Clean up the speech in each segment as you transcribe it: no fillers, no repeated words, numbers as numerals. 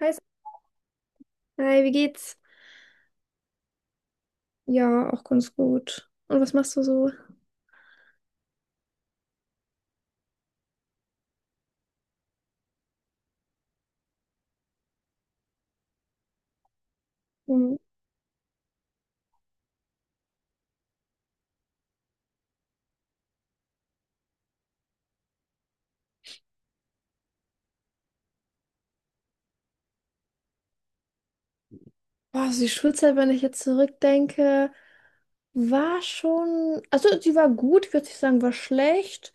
Hi, wie geht's? Ja, auch ganz gut. Und was machst du so? Hm. Boah, also die Schulzeit, wenn ich jetzt zurückdenke, war schon, also sie war gut, ich würde nicht sagen, war schlecht.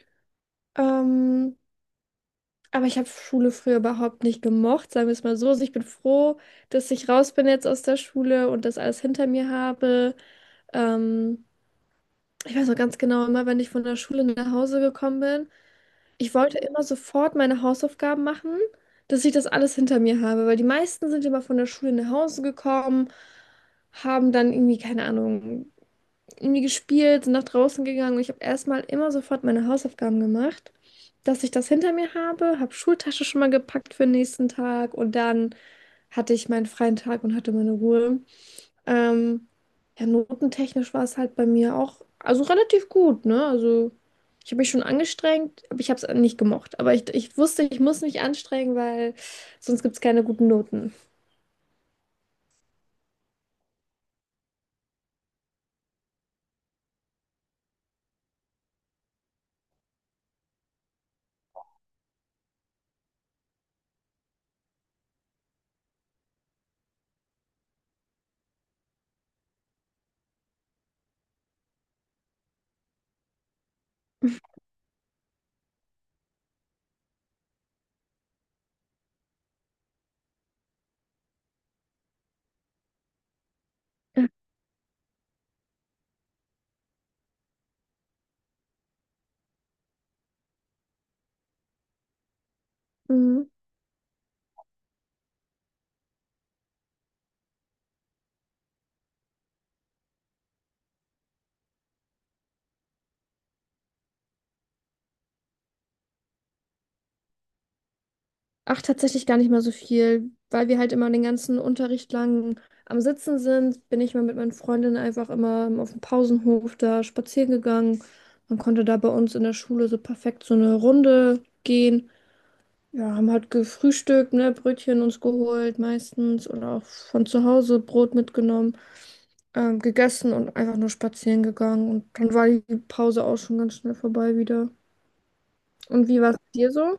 Ähm, aber ich habe Schule früher überhaupt nicht gemocht, sagen wir es mal so. Also ich bin froh, dass ich raus bin jetzt aus der Schule und das alles hinter mir habe. Ähm, ich weiß noch ganz genau, immer wenn ich von der Schule nach Hause gekommen bin. Ich wollte immer sofort meine Hausaufgaben machen, dass ich das alles hinter mir habe, weil die meisten sind immer von der Schule nach Hause gekommen, haben dann irgendwie, keine Ahnung, irgendwie gespielt, sind nach draußen gegangen und ich habe erstmal immer sofort meine Hausaufgaben gemacht, dass ich das hinter mir habe, habe Schultasche schon mal gepackt für den nächsten Tag und dann hatte ich meinen freien Tag und hatte meine Ruhe. Ähm, ja, notentechnisch war es halt bei mir auch, also relativ gut, ne? Also ich habe mich schon angestrengt, aber ich habe es nicht gemocht. Aber ich wusste, ich muss mich anstrengen, weil sonst gibt es keine guten Noten. Mhm. Ach, tatsächlich gar nicht mal so viel, weil wir halt immer den ganzen Unterricht lang am Sitzen sind, bin ich mal mit meinen Freundinnen einfach immer auf dem Pausenhof da spazieren gegangen. Man konnte da bei uns in der Schule so perfekt so eine Runde gehen. Ja, haben halt gefrühstückt, ne, Brötchen uns geholt meistens oder auch von zu Hause Brot mitgenommen, gegessen und einfach nur spazieren gegangen. Und dann war die Pause auch schon ganz schnell vorbei wieder. Und wie war es dir so?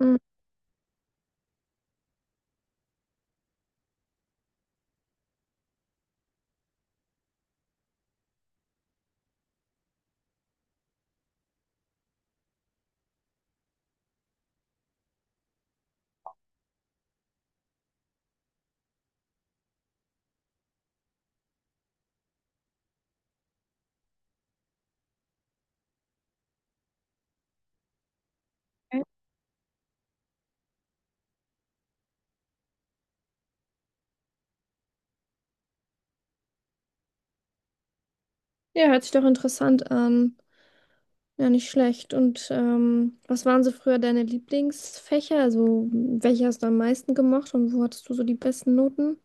Mhm. Ja, hört sich doch interessant an. Ja, nicht schlecht. Und was waren so früher deine Lieblingsfächer? Also, welche hast du am meisten gemacht und wo hattest du so die besten Noten?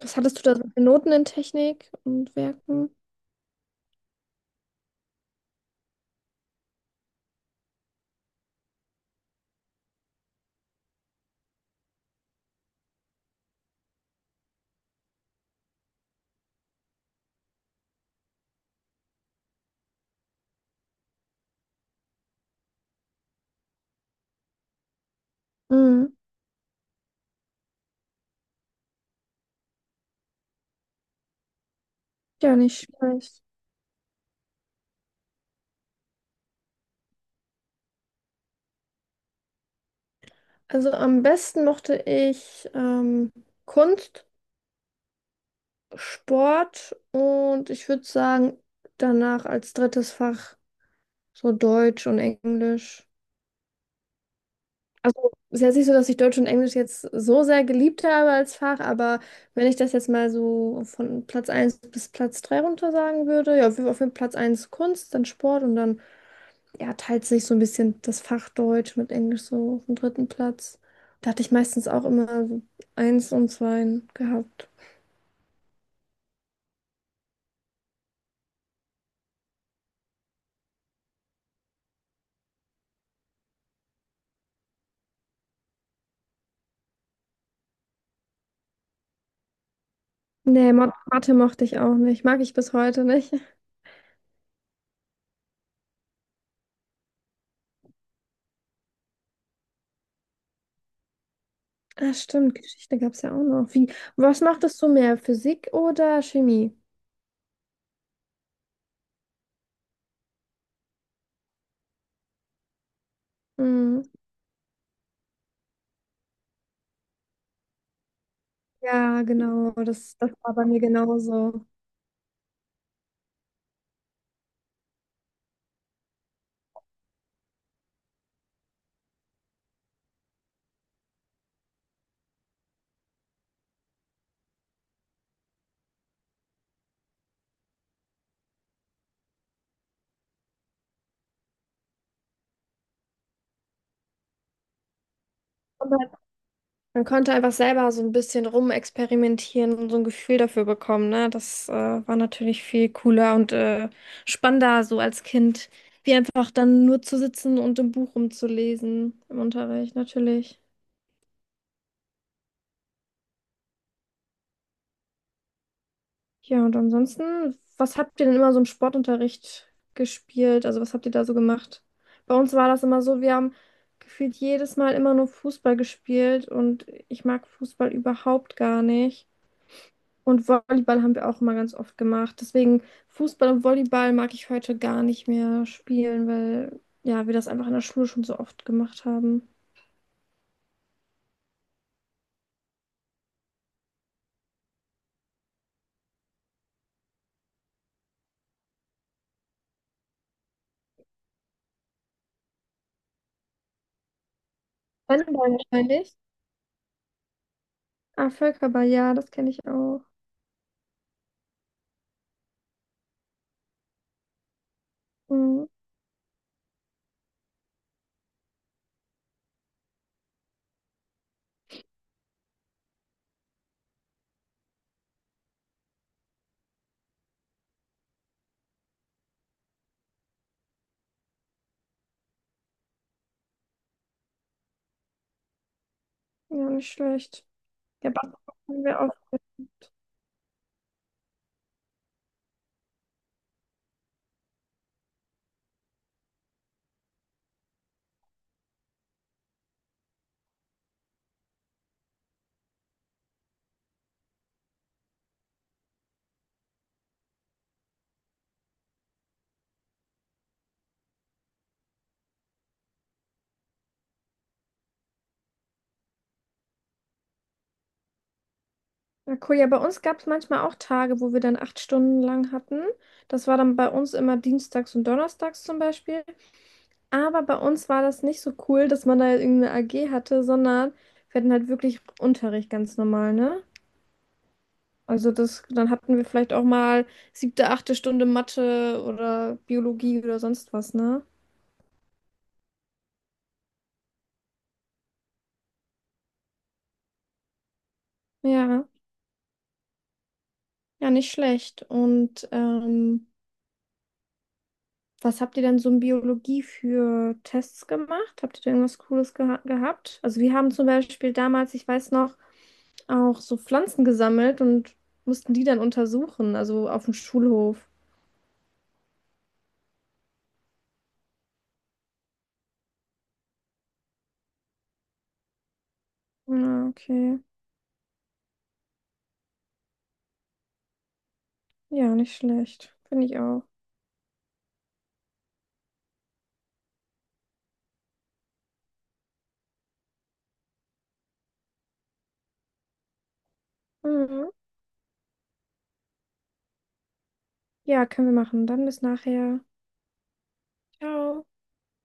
Was hattest du da so für Noten in Technik und Werken? Mhm. Ja, nicht schlecht. Also am besten mochte ich Kunst, Sport und ich würde sagen, danach als drittes Fach so Deutsch und Englisch. Also es ist jetzt nicht so, dass ich Deutsch und Englisch jetzt so sehr geliebt habe als Fach, aber wenn ich das jetzt mal so von Platz eins bis Platz 3 runter sagen würde, ja, auf jeden Fall Platz eins Kunst, dann Sport und dann ja, teilt sich so ein bisschen das Fach Deutsch mit Englisch so auf dem dritten Platz. Da hatte ich meistens auch immer so eins und zwei gehabt. Nee, Mathe mochte ich auch nicht. Mag ich bis heute nicht. Ah, stimmt, Geschichte gab es ja auch noch. Wie, was mochtest du mehr, Physik oder Chemie? Hm. Ja, genau, das war bei mir genauso. Man konnte einfach selber so ein bisschen rumexperimentieren und so ein Gefühl dafür bekommen, ne? Das war natürlich viel cooler und spannender so als Kind, wie einfach dann nur zu sitzen und im Buch rumzulesen im Unterricht, natürlich. Ja, und ansonsten, was habt ihr denn immer so im Sportunterricht gespielt? Also was habt ihr da so gemacht? Bei uns war das immer so, wir haben gefühlt jedes Mal immer nur Fußball gespielt und ich mag Fußball überhaupt gar nicht. Und Volleyball haben wir auch immer ganz oft gemacht. Deswegen Fußball und Volleyball mag ich heute gar nicht mehr spielen, weil ja, wir das einfach in der Schule schon so oft gemacht haben. Handball wahrscheinlich. Ah, Völkerball, ja, das kenne ich auch. Mhm. Ja, nicht schlecht. Ja, Basketball haben wir auch. Ja, cool. Ja, bei uns gab es manchmal auch Tage, wo wir dann acht Stunden lang hatten. Das war dann bei uns immer dienstags und donnerstags zum Beispiel. Aber bei uns war das nicht so cool, dass man da irgendeine AG hatte, sondern wir hatten halt wirklich Unterricht ganz normal, ne? Also das, dann hatten wir vielleicht auch mal siebte, achte Stunde Mathe oder Biologie oder sonst was, ne? Ja, ja, nicht schlecht. Und was habt ihr denn so in Biologie für Tests gemacht? Habt ihr da irgendwas Cooles gehabt? Also wir haben zum Beispiel damals, ich weiß noch, auch so Pflanzen gesammelt und mussten die dann untersuchen, also auf dem Schulhof. Ja, okay. Ja, nicht schlecht. Finde ich auch. Mhm. Ja, können wir machen. Dann bis nachher. Ciao.